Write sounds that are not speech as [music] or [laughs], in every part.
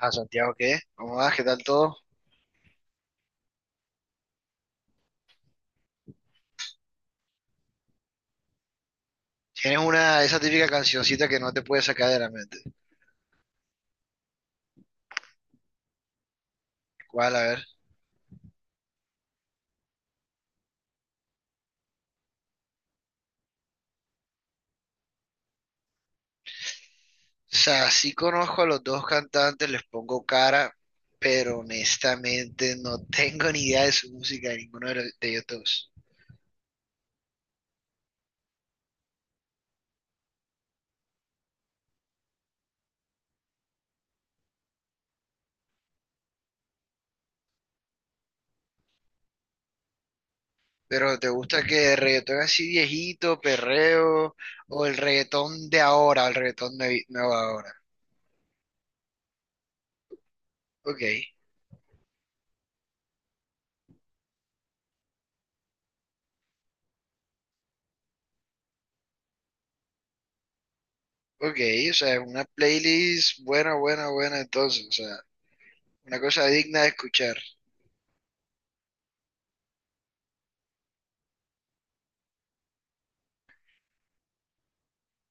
Ah, Santiago, ¿qué? ¿Cómo vas? ¿Qué tal todo? Tienes una, esa típica cancioncita que no te puedes sacar de la mente. ¿Cuál? A ver. O sea, sí conozco a los dos cantantes, les pongo cara, pero honestamente no [laughs] tengo ni idea de su música, de ninguno de, de ellos dos. Pero ¿te gusta que el reggaetón así viejito, perreo, o el reggaetón de ahora, el reggaetón nuevo ahora? Ok, ok, o sea, una playlist buena, buena, buena entonces, o sea, una cosa digna de escuchar.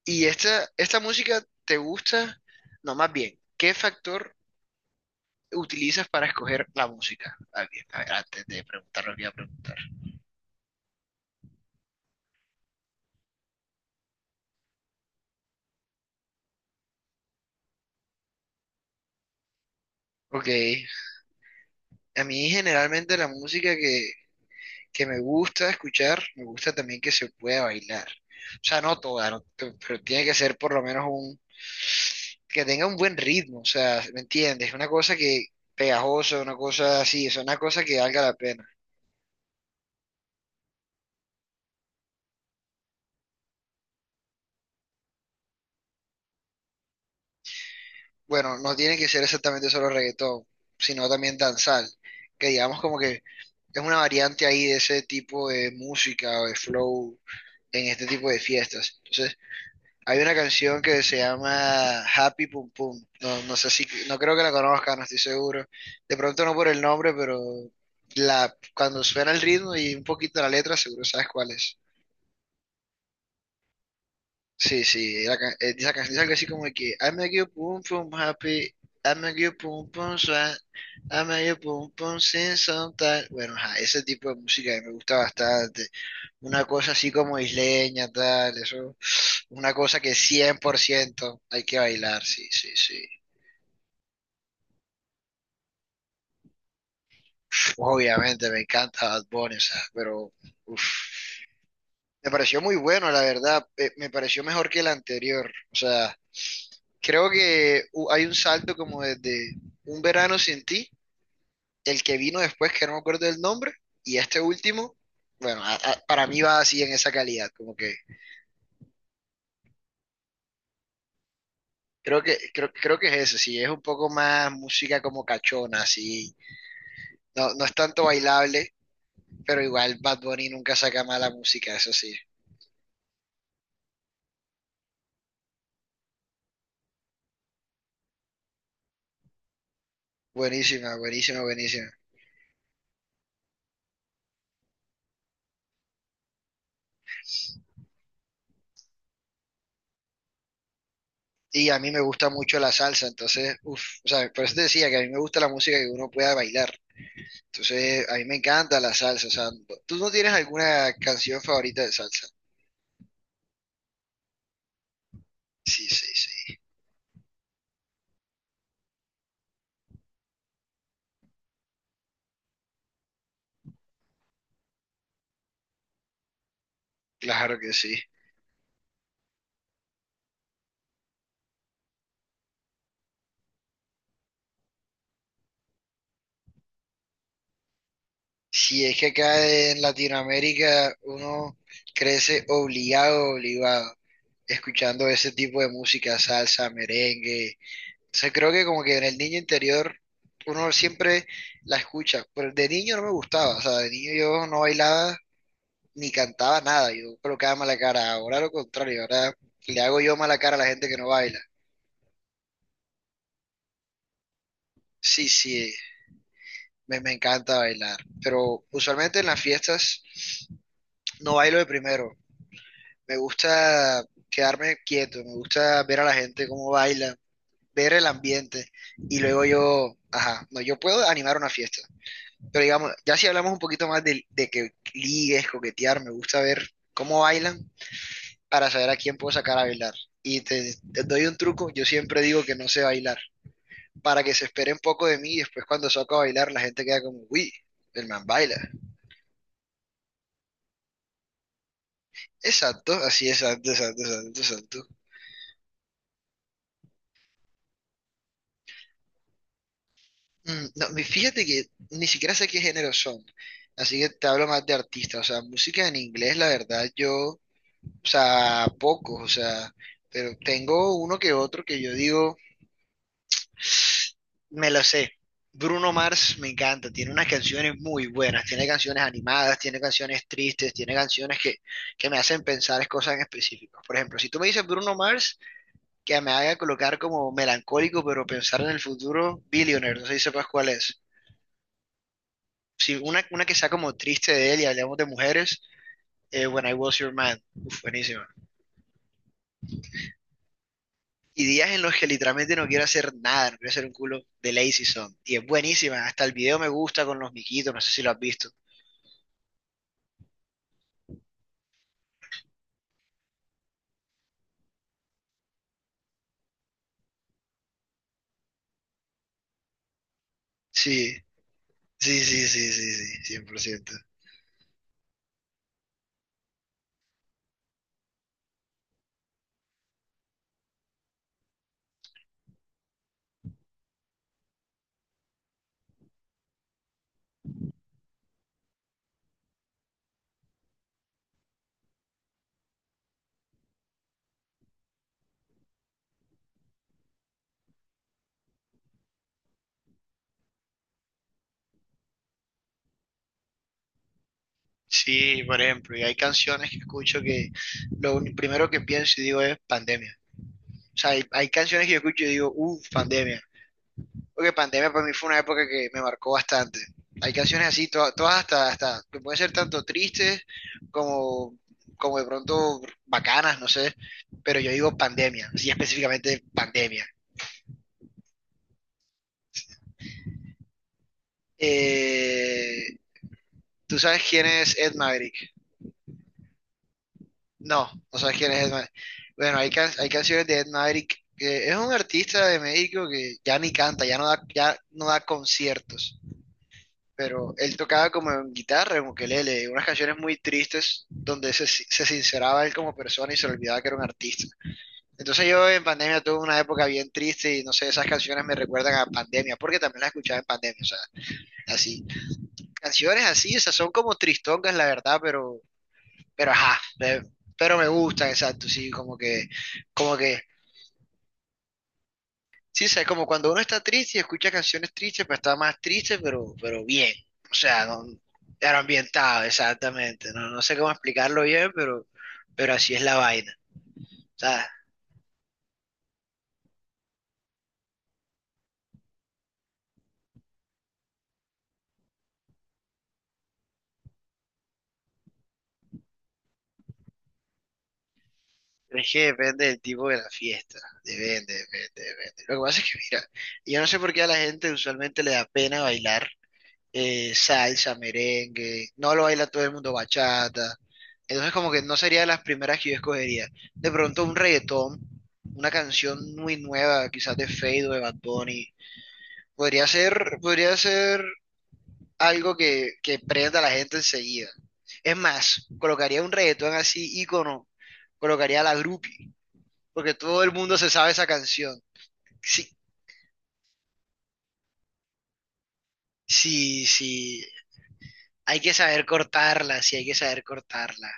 ¿Y esta música te gusta? No, más bien, ¿qué factor utilizas para escoger la música? Ah, bien, a ver, antes de preguntar lo que iba a preguntar. Ok, a mí generalmente la música que me gusta escuchar, me gusta también que se pueda bailar. O sea, no toda, no, pero tiene que ser por lo menos un, que tenga un buen ritmo, o sea, ¿me entiendes? Una cosa que pegajosa, una cosa así, o sea, una cosa que valga la pena. Bueno, no tiene que ser exactamente solo reggaetón, sino también danzal, que digamos como que es una variante ahí de ese tipo de música o de flow en este tipo de fiestas. Entonces, hay una canción que se llama Happy Pum Pum. No, no sé si, no creo que la conozca, no estoy seguro. De pronto no por el nombre, pero la, cuando suena el ritmo y un poquito la letra, seguro sabes cuál es. Sí, sí, la esa canción es algo así como de que I'm a you pum pum happy, I'm a you pum pum sad, I'm a you pum pum sin sometimes. Bueno, ajá, ese tipo de música a mí me gusta bastante. Una cosa así como isleña, tal, eso. Una cosa que 100% hay que bailar, sí, sí, sí. Obviamente me encanta Bad Bunny, o sea, pero uf, me pareció muy bueno, la verdad. Me pareció mejor que el anterior, o sea. Creo que hay un salto como desde Un verano sin ti, el que vino después, que no me acuerdo del nombre, y este último, bueno, para mí va así en esa calidad, como que creo que es eso, sí, es un poco más música como cachona, así, no, no es tanto bailable, pero igual Bad Bunny nunca saca mala música, eso sí, buenísima, buenísima, buenísima. Y a mí me gusta mucho la salsa, entonces, uff, o sea, por eso te decía que a mí me gusta la música que uno pueda bailar. Entonces, a mí me encanta la salsa. O sea, ¿tú no tienes alguna canción favorita de salsa? Sí, sí, sí. Claro que sí. Si es que acá en Latinoamérica uno crece obligado, obligado, escuchando ese tipo de música, salsa, merengue. Entonces, creo que como que en el niño interior uno siempre la escucha. Pero de niño no me gustaba. O sea, de niño yo no bailaba ni cantaba nada. Yo colocaba mala cara. Ahora lo contrario. Ahora le hago yo mala cara a la gente que no baila. Sí, sí, me encanta bailar, pero usualmente en las fiestas no bailo de primero. Me gusta quedarme quieto, me gusta ver a la gente cómo baila, ver el ambiente y luego yo, ajá, no, yo puedo animar una fiesta. Pero digamos, ya si hablamos un poquito más de que ligues, coquetear, me gusta ver cómo bailan para saber a quién puedo sacar a bailar. Y te doy un truco, yo siempre digo que no sé bailar, para que se espere un poco de mí, y después cuando saco a bailar la gente queda como, uy, el man baila. Exacto, así, exacto, exacto, exacto, exacto. Mm, no, fíjate que ni siquiera sé qué género son, así que te hablo más de artistas, o sea, música en inglés, la verdad, yo, o sea, pocos, o sea, pero tengo uno que otro que yo digo... Me lo sé. Bruno Mars me encanta, tiene unas canciones muy buenas, tiene canciones animadas, tiene canciones tristes, tiene canciones que me hacen pensar en cosas en específico. Por ejemplo, si tú me dices Bruno Mars, que me haga colocar como melancólico, pero pensar en el futuro, Billionaire, no sé si sepas cuál es. Si una, una que sea como triste de él y hablamos de mujeres, When I Was Your Man, uf, buenísima. Y días en los que literalmente no quiero hacer nada, no quiero hacer un culo de Lazy Song. Y es buenísima, hasta el video me gusta con los miquitos, no sé si lo has visto. Sí. Sí, sí, sí, sí, sí, 100%. Sí, por ejemplo, y hay canciones que escucho que primero que pienso y digo es pandemia. O sea, hay canciones que yo escucho y digo, uff, pandemia. Porque pandemia para mí fue una época que me marcó bastante. Hay canciones así, todas hasta, hasta, que pueden ser tanto tristes como, como de pronto bacanas, no sé. Pero yo digo pandemia, sí, específicamente pandemia. Eh, ¿Tú sabes quién es Ed Maverick? No, no sabes quién es Ed Maverick. Bueno, hay, hay canciones de Ed Maverick, que es un artista de México que ya ni canta, ya no da, ya no da conciertos, pero él tocaba como en guitarra, en ukelele, unas canciones muy tristes donde se, se sinceraba él como persona y se olvidaba que era un artista. Entonces yo en pandemia tuve una época bien triste y no sé, esas canciones me recuerdan a pandemia, porque también las escuchaba en pandemia, o sea, así. Canciones así, esas son como tristongas, la verdad, pero ajá, pero me gustan, exacto, sí, como que, sí, sabes, como cuando uno está triste y escucha canciones tristes, pues está más triste, pero bien, o sea, no, pero ambientado, exactamente, no, no sé cómo explicarlo bien, pero así es la vaina, ¿sabes? Es que depende del tipo de la fiesta, depende, depende, depende. Lo que pasa es que, mira, yo no sé por qué a la gente usualmente le da pena bailar salsa, merengue, no lo baila todo el mundo bachata. Entonces como que no sería de las primeras que yo escogería. De pronto un reggaetón, una canción muy nueva, quizás de Fade o de Bad Bunny. Podría ser algo que prenda a la gente enseguida. Es más, colocaría un reggaetón así, ícono, colocaría a la groupie, porque todo el mundo se sabe esa canción. Sí, sí, sí, hay que saber cortarla, sí, hay que saber cortarla.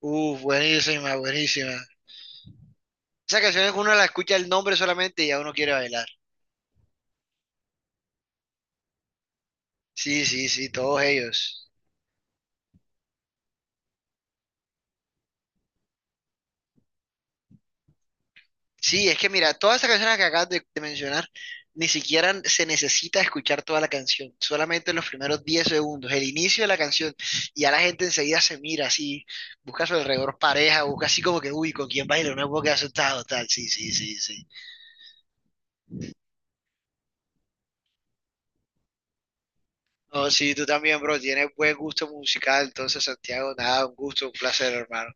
Buenísima, buenísima. Esa canción es que uno la escucha el nombre solamente y ya uno quiere bailar. Sí, sí, sí, todos ellos. Sí, es que mira, todas esas canciones que acabas de mencionar, ni siquiera se necesita escuchar toda la canción, solamente los primeros 10 segundos, el inicio de la canción, y ya la gente enseguida se mira así, busca a su alrededor pareja, busca así como que, uy, ¿con quién baila? No puedo quedar asustado, tal. Sí, sí, sí, sí. No, sí, tú también, bro, tienes buen gusto musical, entonces, Santiago, nada, un gusto, un placer, hermano.